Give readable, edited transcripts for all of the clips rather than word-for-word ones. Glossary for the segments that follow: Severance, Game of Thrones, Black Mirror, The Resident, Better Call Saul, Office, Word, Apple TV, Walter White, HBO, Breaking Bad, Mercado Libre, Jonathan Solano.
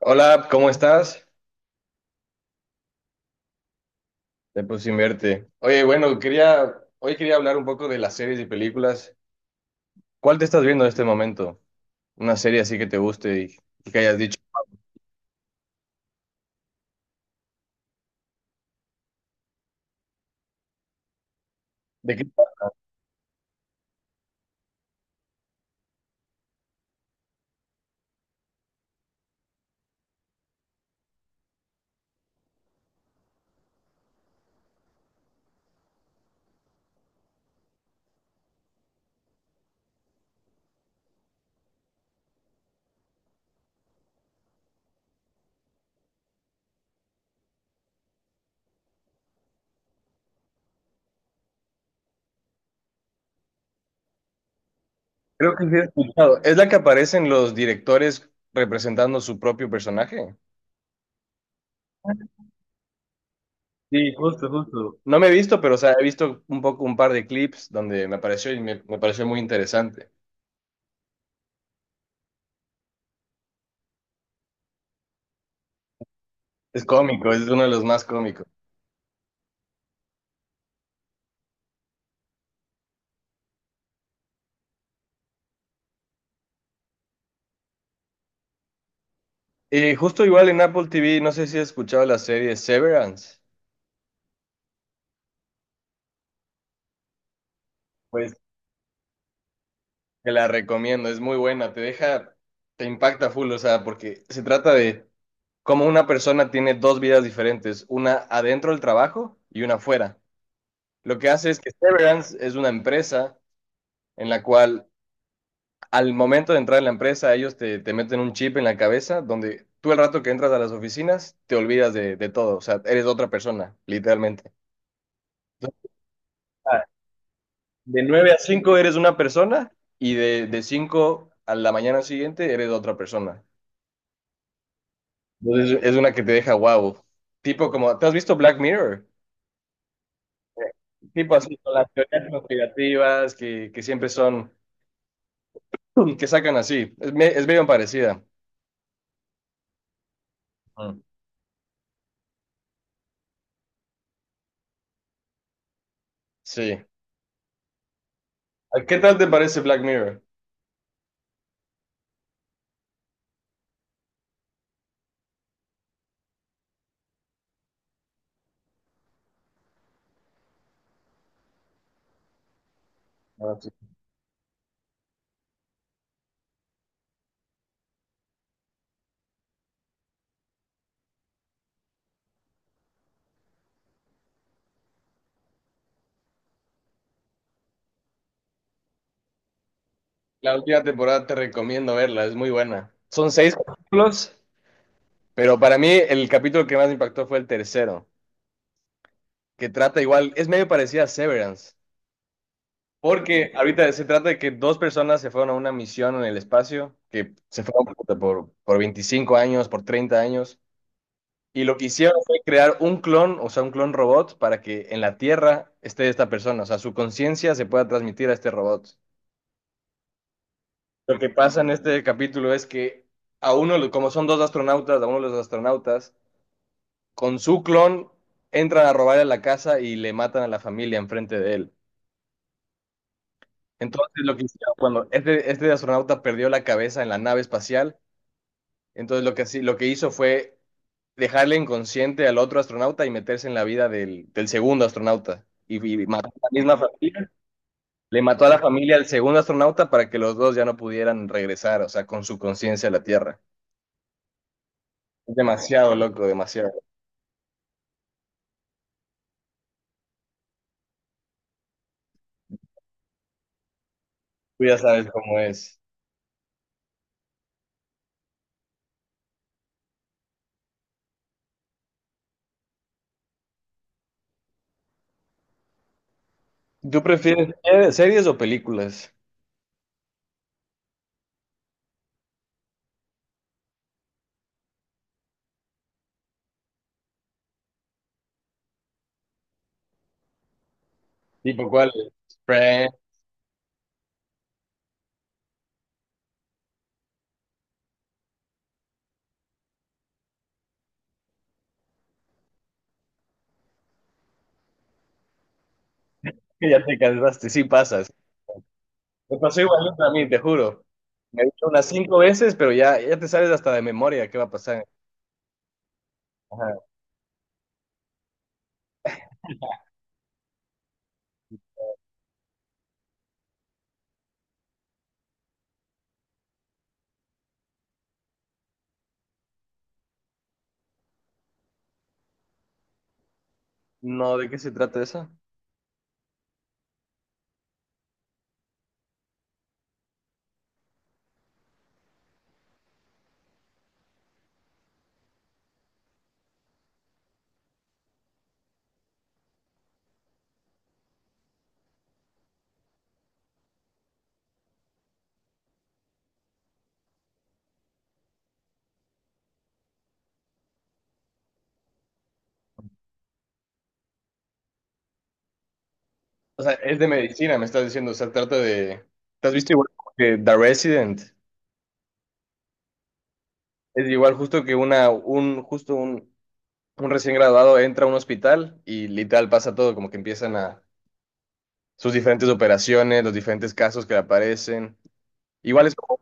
Hola, ¿cómo estás? Tiempo sin verte. Oye, bueno, hoy quería hablar un poco de las series y películas. ¿Cuál te estás viendo en este momento? Una serie así que te guste y que hayas dicho. ¿De qué? Creo que sí he escuchado. ¿Es la que aparecen los directores representando su propio personaje? Sí, justo, justo. No me he visto, pero o sea, he visto un poco un par de clips donde me apareció y me pareció muy interesante. Es cómico, es uno de los más cómicos. Y justo igual en Apple TV, no sé si has escuchado la serie Severance. Pues. Te la recomiendo, es muy buena, te deja, te impacta full, o sea, porque se trata de cómo una persona tiene dos vidas diferentes, una adentro del trabajo y una afuera. Lo que hace es que Severance es una empresa en la cual al momento de entrar en la empresa ellos te meten un chip en la cabeza donde tú el rato que entras a las oficinas te olvidas de todo, o sea, eres otra persona, literalmente. Entonces, ah, de 9 a 5 eres una persona y de 5 a la mañana siguiente eres otra persona. Entonces, es una que te deja wow. Tipo como, ¿te has visto Black Mirror? Tipo así, con las teorías conspirativas que siempre son, que sacan así. Es medio parecida. Ujú. Sí. ¿A? ¿Qué tal te parece Black Mirror? Ah, sí. La última temporada te recomiendo verla, es muy buena. Son seis capítulos, pero para mí el capítulo que más me impactó fue el tercero, que trata igual, es medio parecida a Severance. Porque ahorita se trata de que dos personas se fueron a una misión en el espacio, que se fueron puta, por 25 años, por 30 años, y lo que hicieron fue crear un clon, o sea, un clon robot, para que en la Tierra esté esta persona, o sea, su conciencia se pueda transmitir a este robot. Lo que pasa en este capítulo es que a uno, como son dos astronautas, a uno de los astronautas, con su clon entran a robarle la casa y le matan a la familia enfrente de él. Entonces lo que hicieron cuando este astronauta perdió la cabeza en la nave espacial, entonces lo que, lo que hizo fue dejarle inconsciente al otro astronauta y meterse en la vida del segundo astronauta. Y mató a la misma familia, le mató a la familia al segundo astronauta para que los dos ya no pudieran regresar, o sea, con su conciencia a la Tierra. Es demasiado loco, demasiado. Tú ya sabes cómo es. ¿Tú prefieres series o películas? ¿Tipo cuál? Friends, que ya te cansaste, sí pasa. Me pasó igualito a mí, te juro. Me he dicho unas cinco veces, pero ya, ya te sabes hasta de memoria qué va a pasar. Ajá. No, ¿de qué se trata eso? O sea, es de medicina, me estás diciendo. O sea, trata de. ¿Te has visto igual como que The Resident? Es igual justo que una, un, justo un recién graduado entra a un hospital y literal pasa todo, como que empiezan a sus diferentes operaciones, los diferentes casos que le aparecen. Igual es como,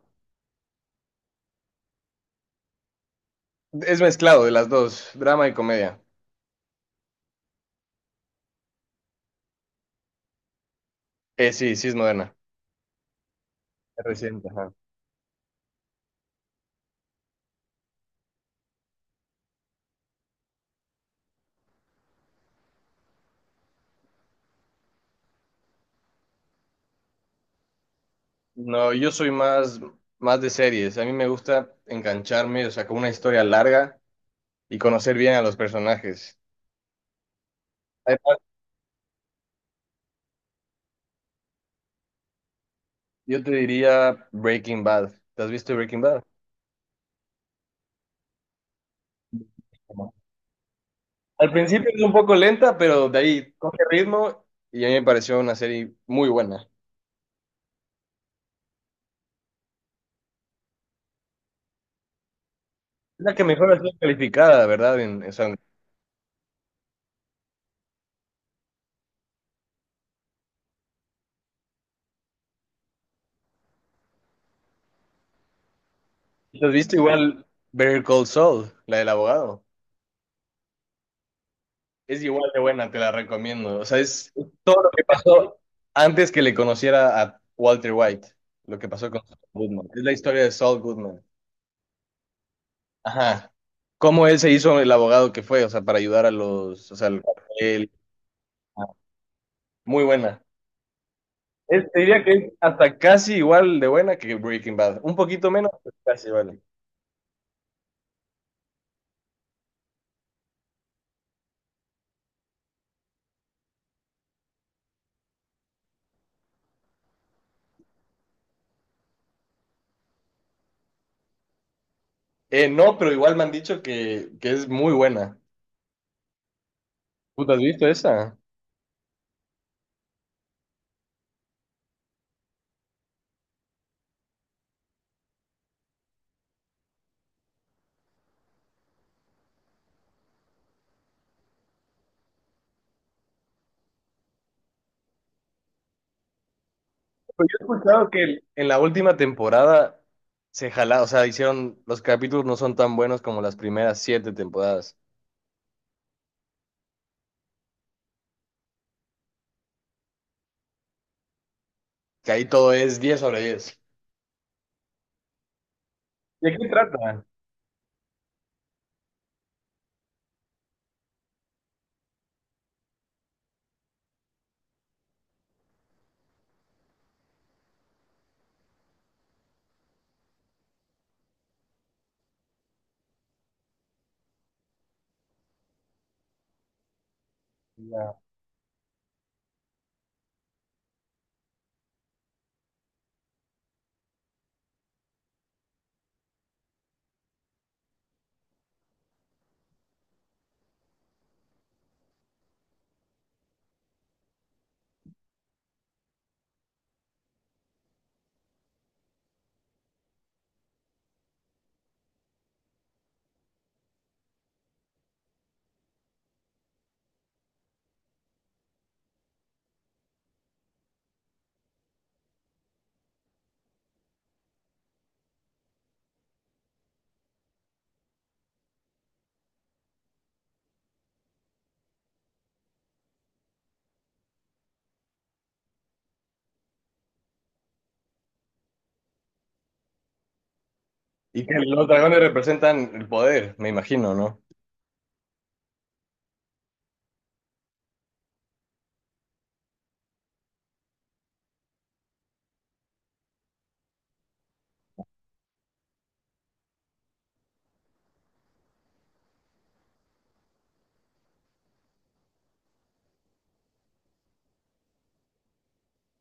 es mezclado de las dos, drama y comedia. Sí, sí es moderna. Es reciente, ajá. No, yo soy más de series. A mí me gusta engancharme, o sea, con una historia larga y conocer bien a los personajes. Además, yo te diría Breaking Bad. ¿Te has visto Breaking Bad? No. Al principio es un poco lenta, pero de ahí coge ritmo y a mí me pareció una serie muy buena. Es la que mejor ha sido calificada, ¿verdad? En, o sea, ¿te has visto igual Better Call Saul, la del abogado? Es igual de buena, te la recomiendo. O sea, es todo lo que pasó antes que le conociera a Walter White, lo que pasó con Saul Goodman. Es la historia de Saul Goodman. Ajá. Cómo él se hizo el abogado que fue, o sea, para ayudar a los, o sea, al cartel. Ah, muy buena. Te diría que es hasta casi igual de buena que Breaking Bad. Un poquito menos, pero casi igual. No, pero igual me han dicho que es muy buena. ¿Tú te has visto esa? Pues yo he escuchado que en la última temporada se jala, o sea, hicieron, los capítulos no son tan buenos como las primeras siete temporadas, que ahí todo es 10/10. ¿De qué trata? Ya. Y que los dragones representan el poder, me imagino, ¿no?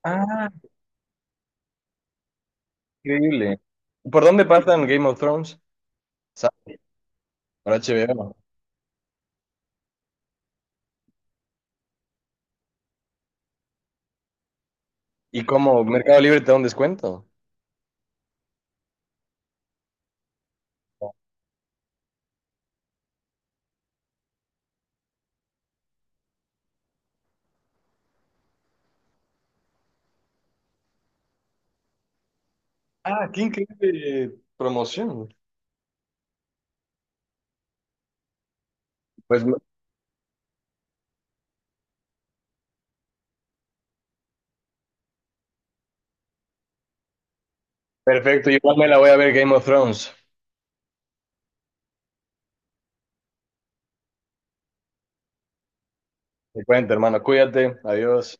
Ah, increíble. ¿Por dónde pasan Game of Thrones? ¿Sabes? Por HBO. ¿Y cómo Mercado Libre te da un descuento? Ah, qué increíble promoción. Pues perfecto, igual me la voy a ver Game of Thrones. Te cuento, hermano, cuídate, adiós.